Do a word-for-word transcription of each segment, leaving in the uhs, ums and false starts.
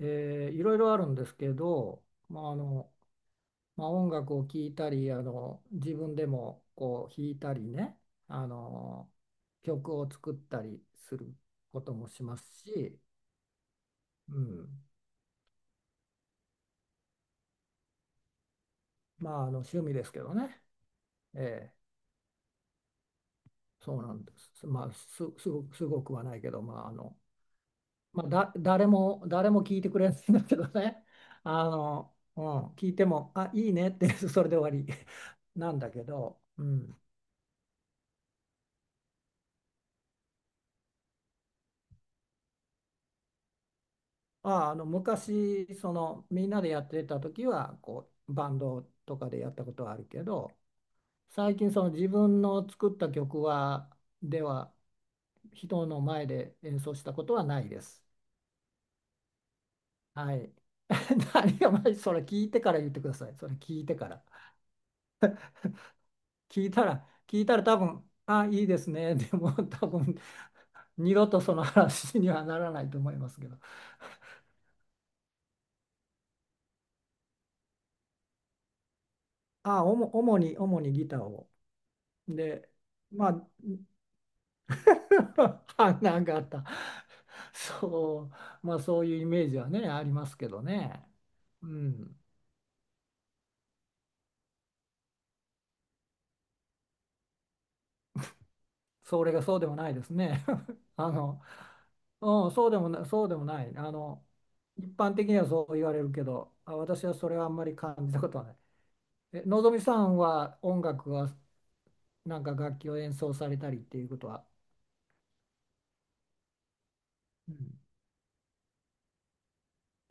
えーいろいろあるんですけど、まああのまあ、音楽を聴いたり、あの自分でもこう弾いたりね、あの曲を作ったりすることもしますし。うん、まあ、あの趣味ですけどね。ええ、そうなんです。まあ、す、すごく、すごくはないけど、まああのまあ、だ誰も誰も聴いてくれないんだけどね。 あの、うん、聞いても「あ、いいね」って、 それで終わり なんだけど。うん。ああ、あの昔そのみんなでやってた時はこうバンドとかでやったことはあるけど、最近その自分の作った曲はでは人の前で演奏したことはないです。はい。何が。まあ、それ聞いてから言ってください。それ聞いてから。聞いたら聞いたら、多分「あ、いいですね」。でも多分二度とその話にはならないと思いますけど。あおも主に主にギターを。で、まあ、 花形。そう、まあ、そういうイメージはね、ありますけどね。うん。それがそうでもないですね。あの、うん、そうでもな、そうでもない。あの、一般的にはそう言われるけど、あ、私はそれはあんまり感じたことはない。え、のぞみさんは音楽は、なんか楽器を演奏されたりっていうことは？うん。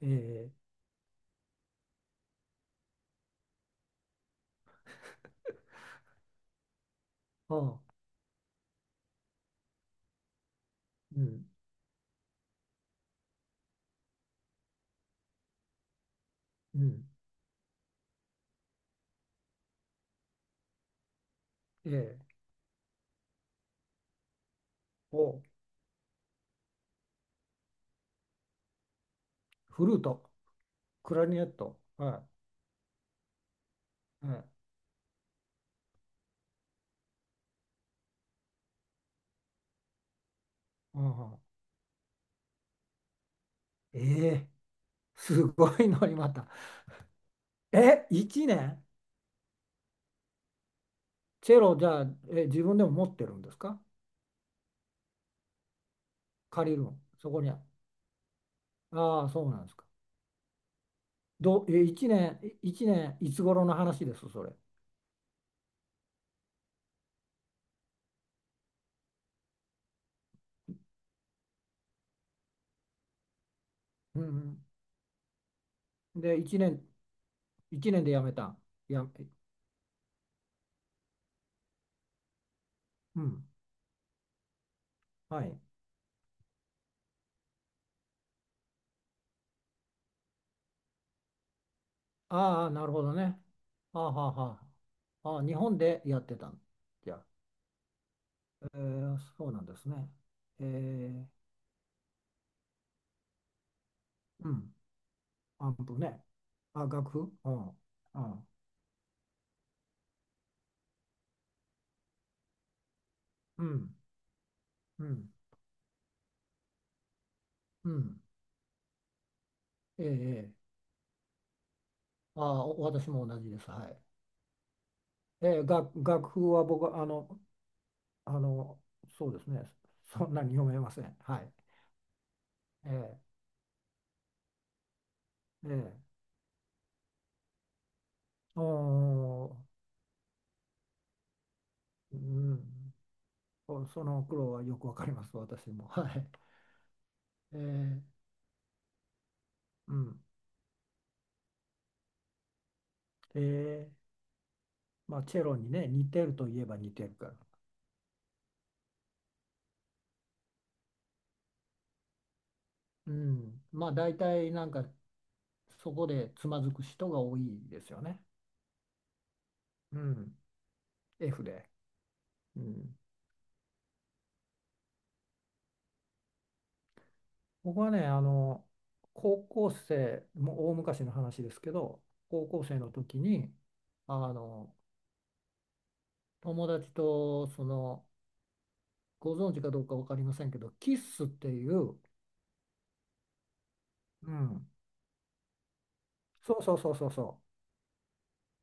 ええ。あうん、うん、ええ。お、フルート、クラリネット、はい、はい。うん、ええ、すごいのにまた。え、いちねん？チェロじゃあ、え、自分でも持ってるんですか？借りるのそこにあああ、そうなんですか。どう、え、いちねん、いちねん、いつ頃の話です、それ。うんうん。で、いちねん、一年でやめたん？や、うん。はい。ああ、なるほどね。はあはあはあ。ああ、日本でやってたん？じゃあ、えーそうなんですね。えーうん。アンプね。あ、楽譜、うん。うん。うんうん、うん、ええ、ええ。ああ、お私も同じです。はい。ええ、楽、楽譜は僕は、あの、あの、そうですね、そんなに読めません。はい。ええ、ええ、おー、うん。おその苦労はよくわかります。私も。はい。ええ、うん、ええ、まあ、チェロにね、似てるといえば似てるから。うん、まあ、大体なんか、そこでつまずく人が多いですよね。うん、F で。うん、僕はね、あの、高校生、もう大昔の話ですけど、高校生の時に、あの、友達と、その、ご存知かどうか分かりませんけど、キッスっていう、うん、そうそうそうそうそ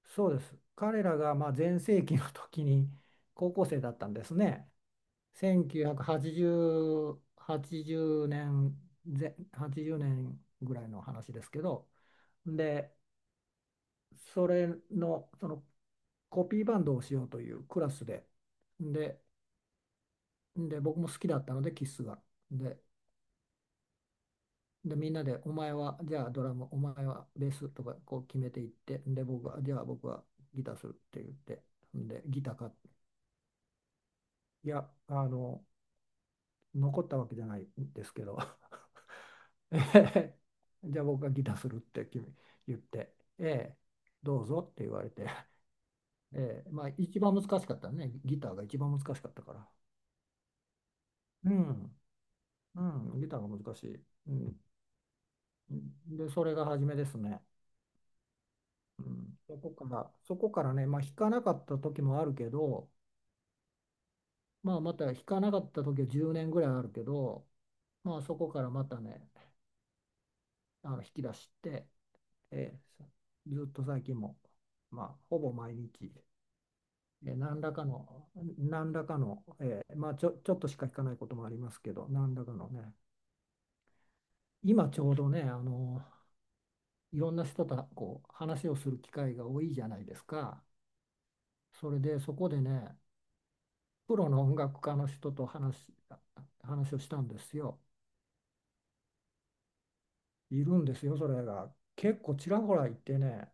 う、そうです。彼らが、まあ、全盛期の時に高校生だったんですね。せんきゅうひゃくはちじゅう、はちじゅうねん、ぜはちじゅうねんぐらいの話ですけど、で、それの、そのコピーバンドをしようというクラスで、で、で、僕も好きだったので、キスが。で、で、みんなで、お前はじゃあドラム、お前はベースとかこう決めていって、で、僕は、じゃあ僕はギターするって言って、で、ギター買って。いや、あの、残ったわけじゃないんですけど、ええ、じゃあ僕がギターするって君言って、ええ、どうぞって言われて、ええ、まあ、一番難しかったね、ギターが一番難しかったから。うん、うん、ギターが難しい。うん。で、それが初めですね。うん。そこから、そこからね、まあ、弾かなかった時もあるけど、まあ、また弾かなかった時はじゅうねんぐらいあるけど、まあ、そこからまたね、あの弾き出して、えーずっと最近も、まあ、ほぼ毎日、えー何らかの、何らかの、えーまあ、ちょ、ちょっとしか弾かないこともありますけど、何らかのね、今ちょうどね、あの、いろんな人とこう話をする機会が多いじゃないですか。それでそこでね、プロの音楽家の人と話、話をしたんですよ。いるんですよ、それが。結構ちらほらいてね、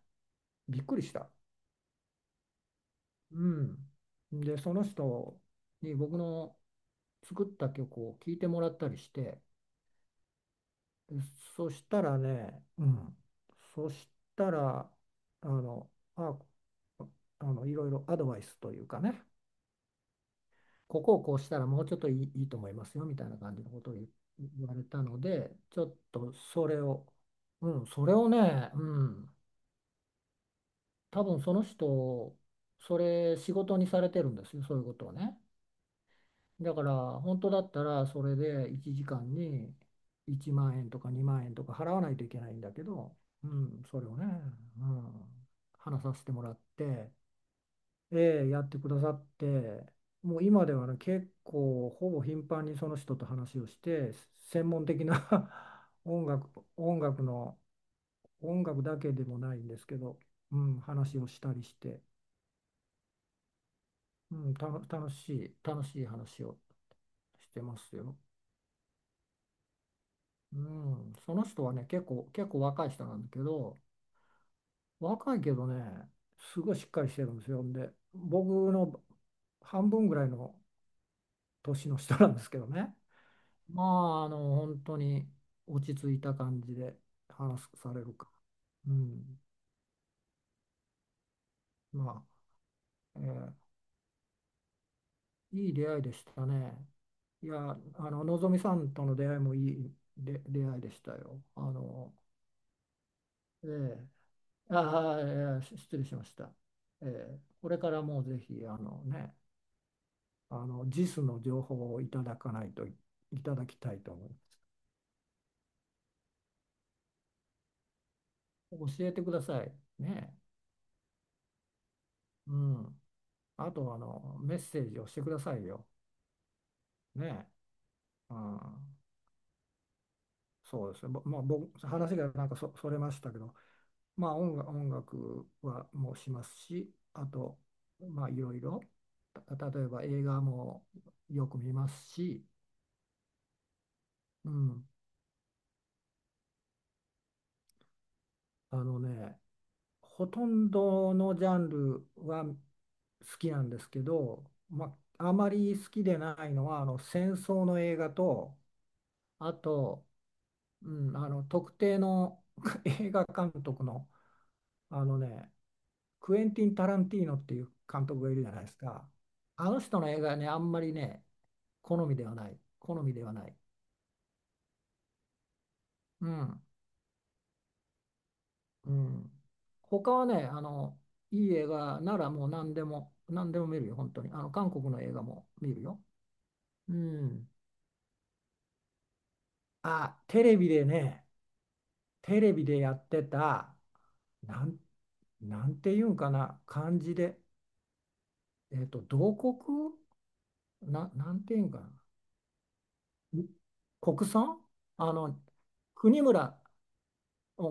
びっくりした。うん。で、その人に僕の作った曲を聴いてもらったりして、でそしたらね、うん。そしたら、あの、あ、あの、いろいろアドバイスというかね、ここをこうしたらもうちょっといい、いいと思いますよみたいな感じのことを言言われたので、ちょっとそれを、うん、それをね、うん、多分その人、それ仕事にされてるんですよ、そういうことをね。だから本当だったらそれでいちじかんにいちまん円とかにまん円とか払わないといけないんだけど、うん、それをね、うん、話させてもらって。ええ、やってくださって、もう今ではね、結構ほぼ頻繁にその人と話をして、専門的な 音楽音楽の、音楽だけでもないんですけど、うん、話をしたりして、うん、たの楽しい楽しい話をしてますよ。うん、その人はね、結構結構若い人なんだけど、若いけどね、すごいしっかりしてるんですよ。で、僕の半分ぐらいの年の人なんですけどね。まあ、あの、本当に落ち着いた感じで話されるか。うん。まあ、えーいい出会いでしたね。いや、あの、のぞみさんとの出会いもいいで出会いでしたよ。あの、ええ。ああ、ええし失礼しました。ええ、これからもぜひ、あのね、あの、JIS の情報をいただかないとい、いただきたいと思います。教えてください。ね。うん。あと、あの、メッセージをしてくださいよ。ね。うん、そうですね。ぼまあ、僕、話がなんかそ、それましたけど、まあ、音楽、音楽はもうしますし、あと、まあ、いろいろ、た例えば映画もよく見ますし、うん、あのね、ほとんどのジャンルは好きなんですけど、まあ、あまり好きでないのはあの戦争の映画と、あと、うん、あの特定の 映画監督の、あのね、クエンティン・タランティーノっていう監督がいるじゃないですか。あの人の映画ね、あんまりね、好みではない。好みではない。うん。うん。他はね、あの、いい映画ならもう何でも、何でも見るよ、本当に。あの、韓国の映画も見るよ。うん。あ、テレビでね、テレビでやってた、なん、なんていうんかな、漢字で、えっと、同国な、なんていうんかな、国産、あの、国村、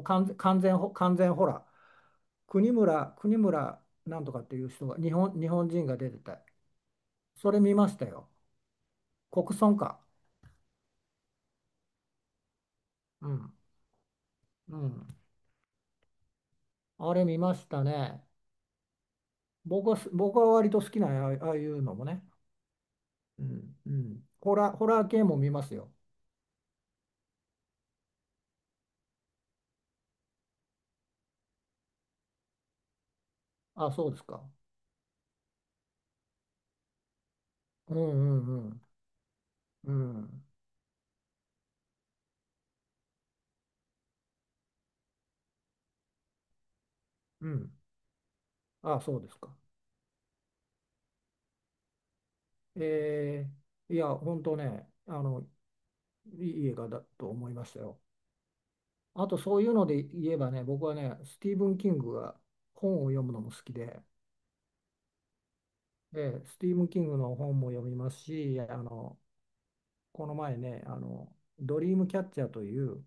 完全、完全ほ、完全ほら、国村、国村なんとかっていう人が、日本、日本人が出てた。それ見ましたよ。国村か。うん。うん。あれ見ましたね。僕はす、僕は割と好きな、ああああいうのもね。うん。うん。ホラー、ホラー系も見ますよ。あ、そうですか。うんうんうん。うん。うん。あ、そうですか。えー、いや、本当ね、あの、いい映画だと思いましたよ。あと、そういうので言えばね、僕はね、スティーブン・キングが本を読むのも好きで、で、スティーブン・キングの本も読みますし、あの、この前ね、あの、ドリームキャッチャーという、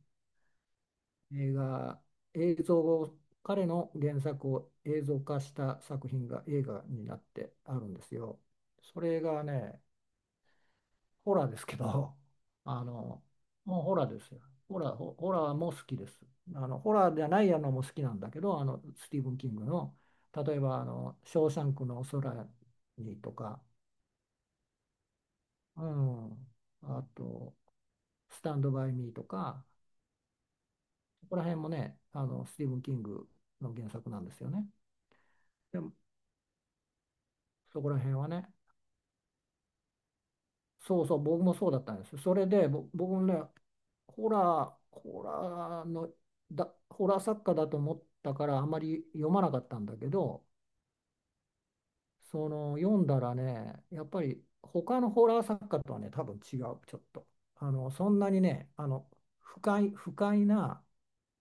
映画、映像を、彼の原作を映像化した作品が映画になってあるんですよ。それがね、ホラーですけど、あの、もうホラーですよ。ホラー、ホホラーも好きです。あの、ホラーじゃないやのも好きなんだけど、あの、スティーブン・キングの、例えば、あの、ショーシャンクの空にとか、うん、あと、スタンド・バイ・ミーとか、そこら辺もね、あの、スティーブン・キングの原作なんですよね。でも、そこら辺はね、そうそう、僕もそうだったんですよ。それで、ぼ僕もね、ホラー、ホラーの、だ、ホラー作家だと思ったから、あまり読まなかったんだけど、その、読んだらね、やっぱり、他のホラー作家とはね、多分違う、ちょっと。あの、そんなにね、あの、不快、不快な、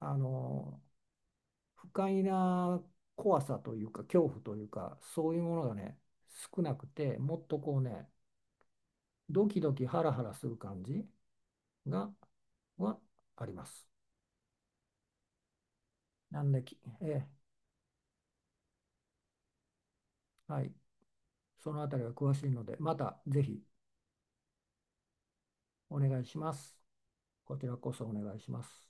あの、不快な怖さというか、恐怖というか、そういうものがね、少なくて、もっとこうね、ドキドキハラハラする感じ。が、はあります。なんでき、えーはい、そのあたりは詳しいので、またぜひ、お願いします。こちらこそお願いします。